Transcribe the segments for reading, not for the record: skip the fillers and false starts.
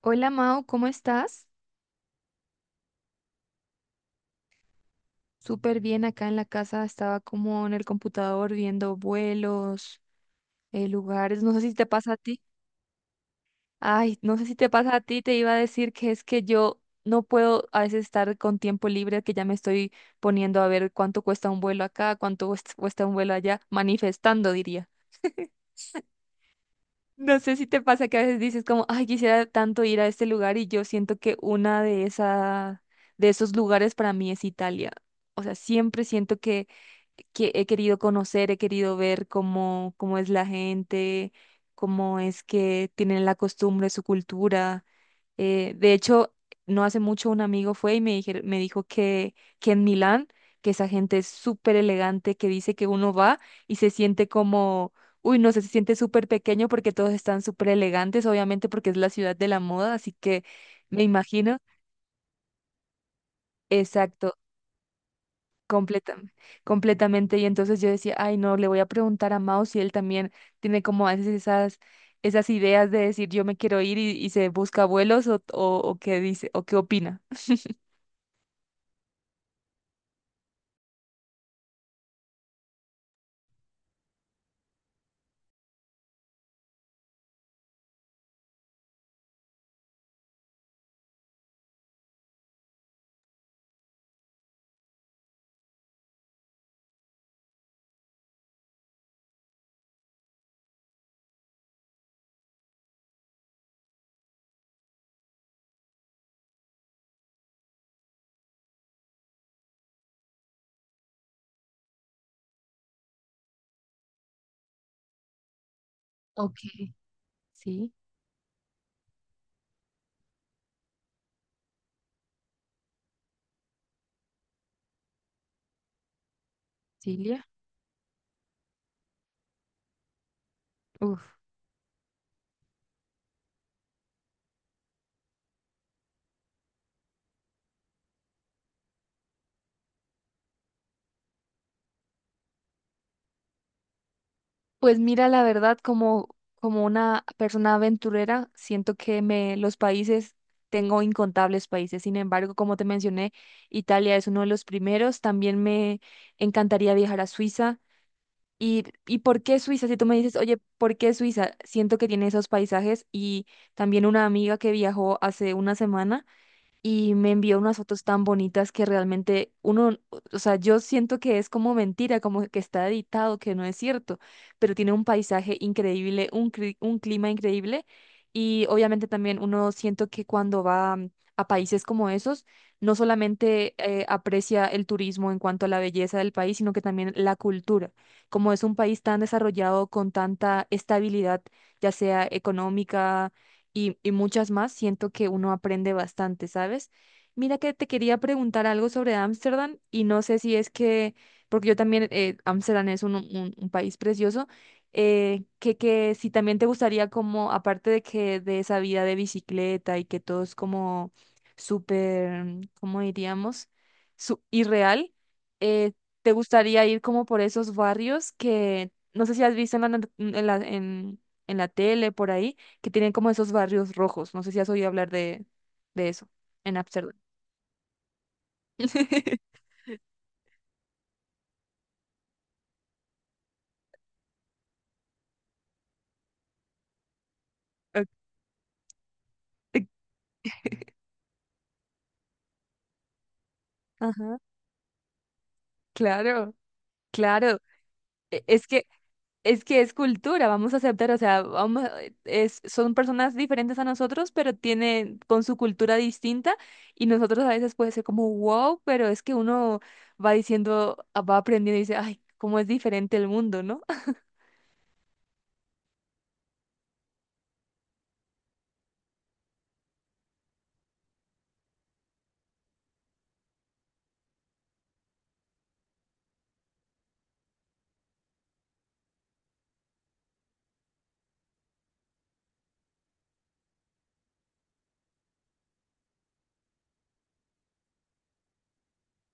Hola Mao, ¿cómo estás? Súper bien acá en la casa, estaba como en el computador viendo vuelos, lugares, no sé si te pasa a ti. Ay, no sé si te pasa a ti, te iba a decir que es que yo no puedo a veces estar con tiempo libre, que ya me estoy poniendo a ver cuánto cuesta un vuelo acá, cuesta un vuelo allá, manifestando, diría. No sé si te pasa que a veces dices como, ay, quisiera tanto ir a este lugar y yo siento que de esos lugares para mí es Italia. O sea, siempre que he querido conocer, he querido ver cómo es la gente, cómo es que tienen la costumbre, su cultura. De hecho, no hace mucho un amigo fue y me dijo que en Milán, que esa gente es súper elegante, que dice que uno va y se siente como, uy, no sé, se siente súper pequeño porque todos están súper elegantes, obviamente porque es la ciudad de la moda, así que me imagino, exacto, completam- completamente. Y entonces yo decía, ay, no, le voy a preguntar a Mao si él también tiene como a veces esas... esas ideas de decir yo me quiero ir y se busca vuelos o qué dice o qué opina. Ok. Sí, Silvia. Uf. Pues mira, la verdad, como una persona aventurera, siento que me, los países, tengo incontables países. Sin embargo, como te mencioné, Italia es uno de los primeros. También me encantaría viajar a Suiza. Y por qué Suiza? Si tú me dices, oye, ¿por qué Suiza? Siento que tiene esos paisajes y también una amiga que viajó hace una semana. Y me envió unas fotos tan bonitas que realmente uno, o sea, yo siento que es como mentira, como que está editado, que no es cierto, pero tiene un paisaje increíble, un clima increíble y obviamente también uno siento que cuando va a países como esos, no solamente aprecia el turismo en cuanto a la belleza del país, sino que también la cultura. Como es un país tan desarrollado con tanta estabilidad, ya sea económica, y muchas más, siento que uno aprende bastante, ¿sabes? Mira que te quería preguntar algo sobre Ámsterdam y no sé si es que, porque yo también, Ámsterdam es un país precioso, que si también te gustaría como, aparte de que de esa vida de bicicleta y que todo es como súper, ¿cómo diríamos? Su, irreal, eh, ¿te gustaría ir como por esos barrios que, no sé si has visto en la, not- en la tele, por ahí? Que tienen como esos barrios rojos. No sé si has oído hablar de eso en Ámsterdam. Ok. Ajá, claro, claro. Es que es que es cultura, vamos a aceptar, o sea, vamos, son personas diferentes a nosotros, pero tienen con su cultura distinta y nosotros a veces puede ser como wow, pero es que uno va diciendo, ah, va aprendiendo y dice, ay, cómo es diferente el mundo, ¿no?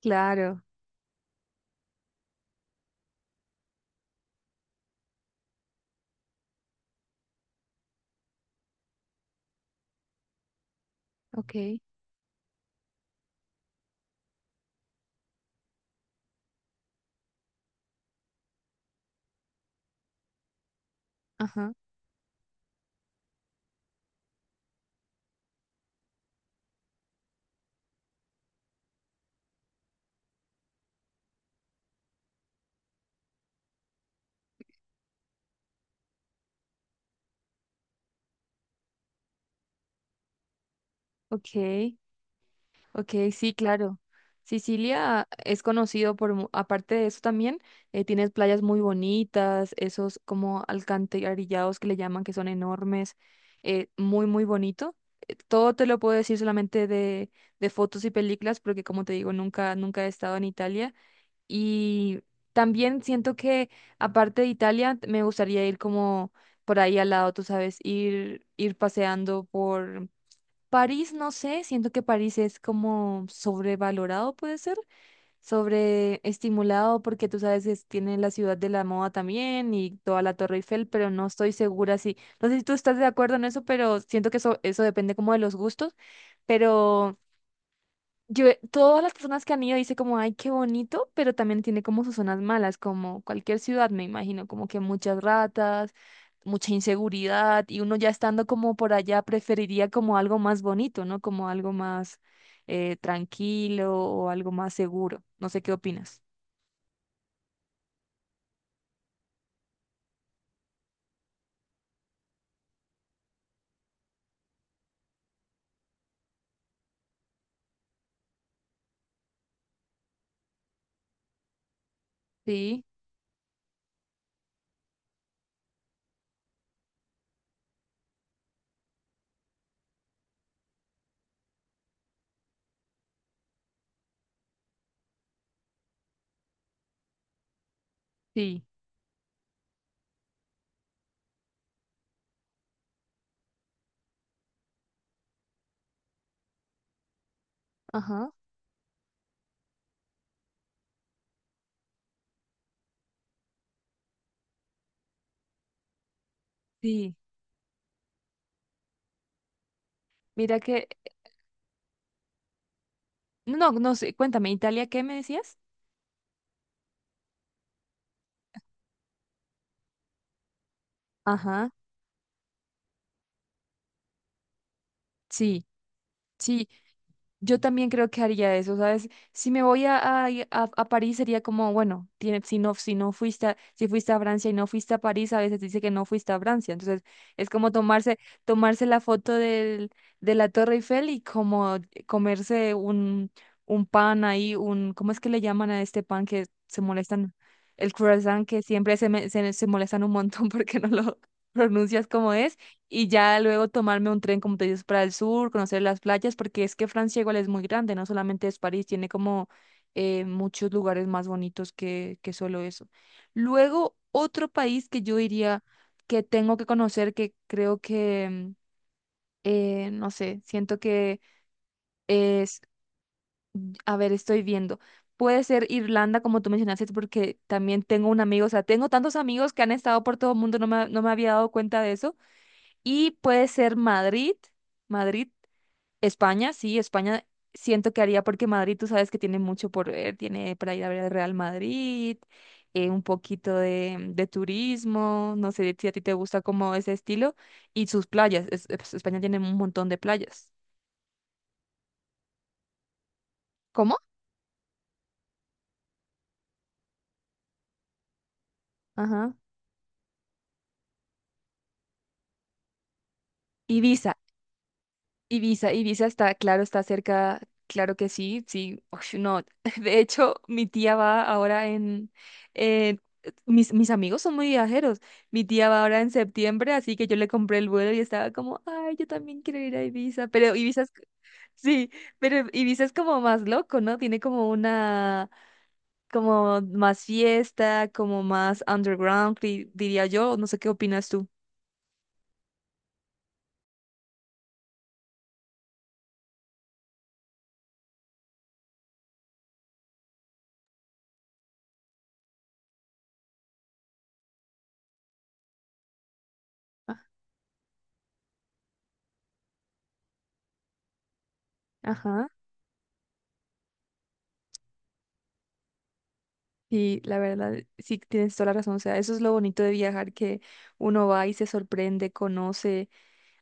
Claro, ok, ajá, ok, ok, sí, claro. Sicilia es conocido aparte de eso también, tienes playas muy bonitas, esos como alcantarillados que le llaman, que son enormes, muy bonito. Todo te lo puedo decir solamente de fotos y películas, porque como te digo, nunca, nunca he estado en Italia. Y también siento que, aparte de Italia, me gustaría ir como por ahí al lado, tú sabes, ir paseando París, no sé, siento que París es como sobrevalorado, puede ser, sobreestimulado, porque tú sabes que tiene la ciudad de la moda también y toda la Torre Eiffel, pero no estoy segura si, no sé si tú estás de acuerdo en eso, pero siento que eso depende como de los gustos, pero yo, todas las personas que han ido dicen como, ay, qué bonito, pero también tiene como sus zonas malas, como cualquier ciudad, me imagino, como que muchas ratas, mucha inseguridad, y uno ya estando como por allá preferiría como algo más bonito, ¿no? Como algo más tranquilo o algo más seguro. No sé qué opinas. Sí, sí, ajá, sí. Mira que, no, no sé, cuéntame, ¿Italia qué me decías? Ajá, sí, sí. Yo también creo que haría eso, ¿sabes? Si me voy a París sería como, bueno, tiene, si no, si no fuiste a, si fuiste a Francia y no fuiste a París, a veces dice que no fuiste a Francia. Entonces, es como tomarse la foto de la Torre Eiffel y como comerse un, un pan ahí, un, ¿cómo es que le llaman a este pan que se molestan? El croissant que siempre se molestan un montón porque no lo pronuncias como es y ya luego tomarme un tren, como te dices, para el sur, conocer las playas, porque es que Francia igual es muy grande, no solamente es París, tiene como muchos lugares más bonitos que solo eso. Luego, otro país que yo diría que tengo que conocer, que creo que, no sé, siento que es, a ver, estoy viendo. Puede ser Irlanda, como tú mencionaste, porque también tengo un amigo, o sea, tengo tantos amigos que han estado por todo el mundo, no me había dado cuenta de eso y puede ser Madrid, Madrid, España, sí, España siento que haría porque Madrid tú sabes que tiene mucho por ver, tiene para ir a ver el Real Madrid, de turismo, no sé si a ti te gusta como ese estilo, y sus playas, España tiene un montón de playas. ¿Cómo? Ajá. Ibiza, Ibiza está, claro, está cerca, claro que sí, sí, ush, no. De hecho, mi tía va ahora en, eh, mis amigos son muy viajeros, mi tía va ahora en septiembre, así que yo le compré el vuelo y estaba como, ay, yo también quiero ir a Ibiza, pero Ibiza es, sí, pero Ibiza es como más loco, ¿no? Tiene como una, como más fiesta, como más underground, diría yo, no sé qué opinas tú. Ah, ajá. Sí, la verdad, sí tienes toda la razón. O sea, eso es lo bonito de viajar, que uno va y se sorprende, conoce,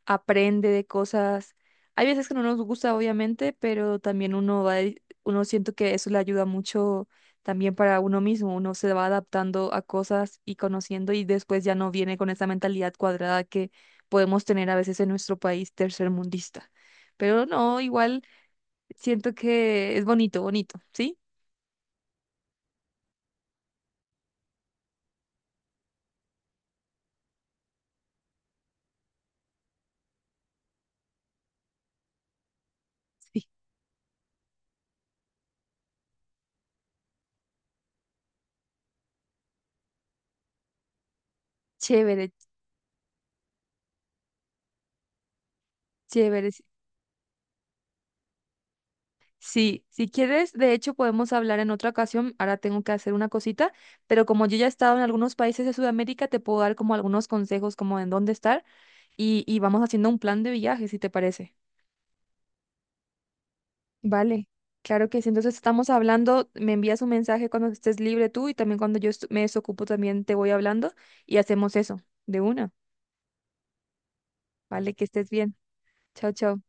aprende de cosas. Hay veces que no nos gusta, obviamente, pero también uno uno siento que eso le ayuda mucho también para uno mismo. Uno se va adaptando a cosas y conociendo y después ya no viene con esa mentalidad cuadrada que podemos tener a veces en nuestro país tercermundista. Pero no, igual siento que es bonito, bonito, ¿sí? Sí. Chévere, chévere. Sí, si quieres, de hecho podemos hablar en otra ocasión. Ahora tengo que hacer una cosita, pero como yo ya he estado en algunos países de Sudamérica, te puedo dar como algunos consejos como en dónde estar y vamos haciendo un plan de viaje, si te parece. Vale, claro que sí. Entonces estamos hablando, me envías un mensaje cuando estés libre tú y también cuando yo me desocupo también te voy hablando y hacemos eso de una. Vale, que estés bien. Chao, chao.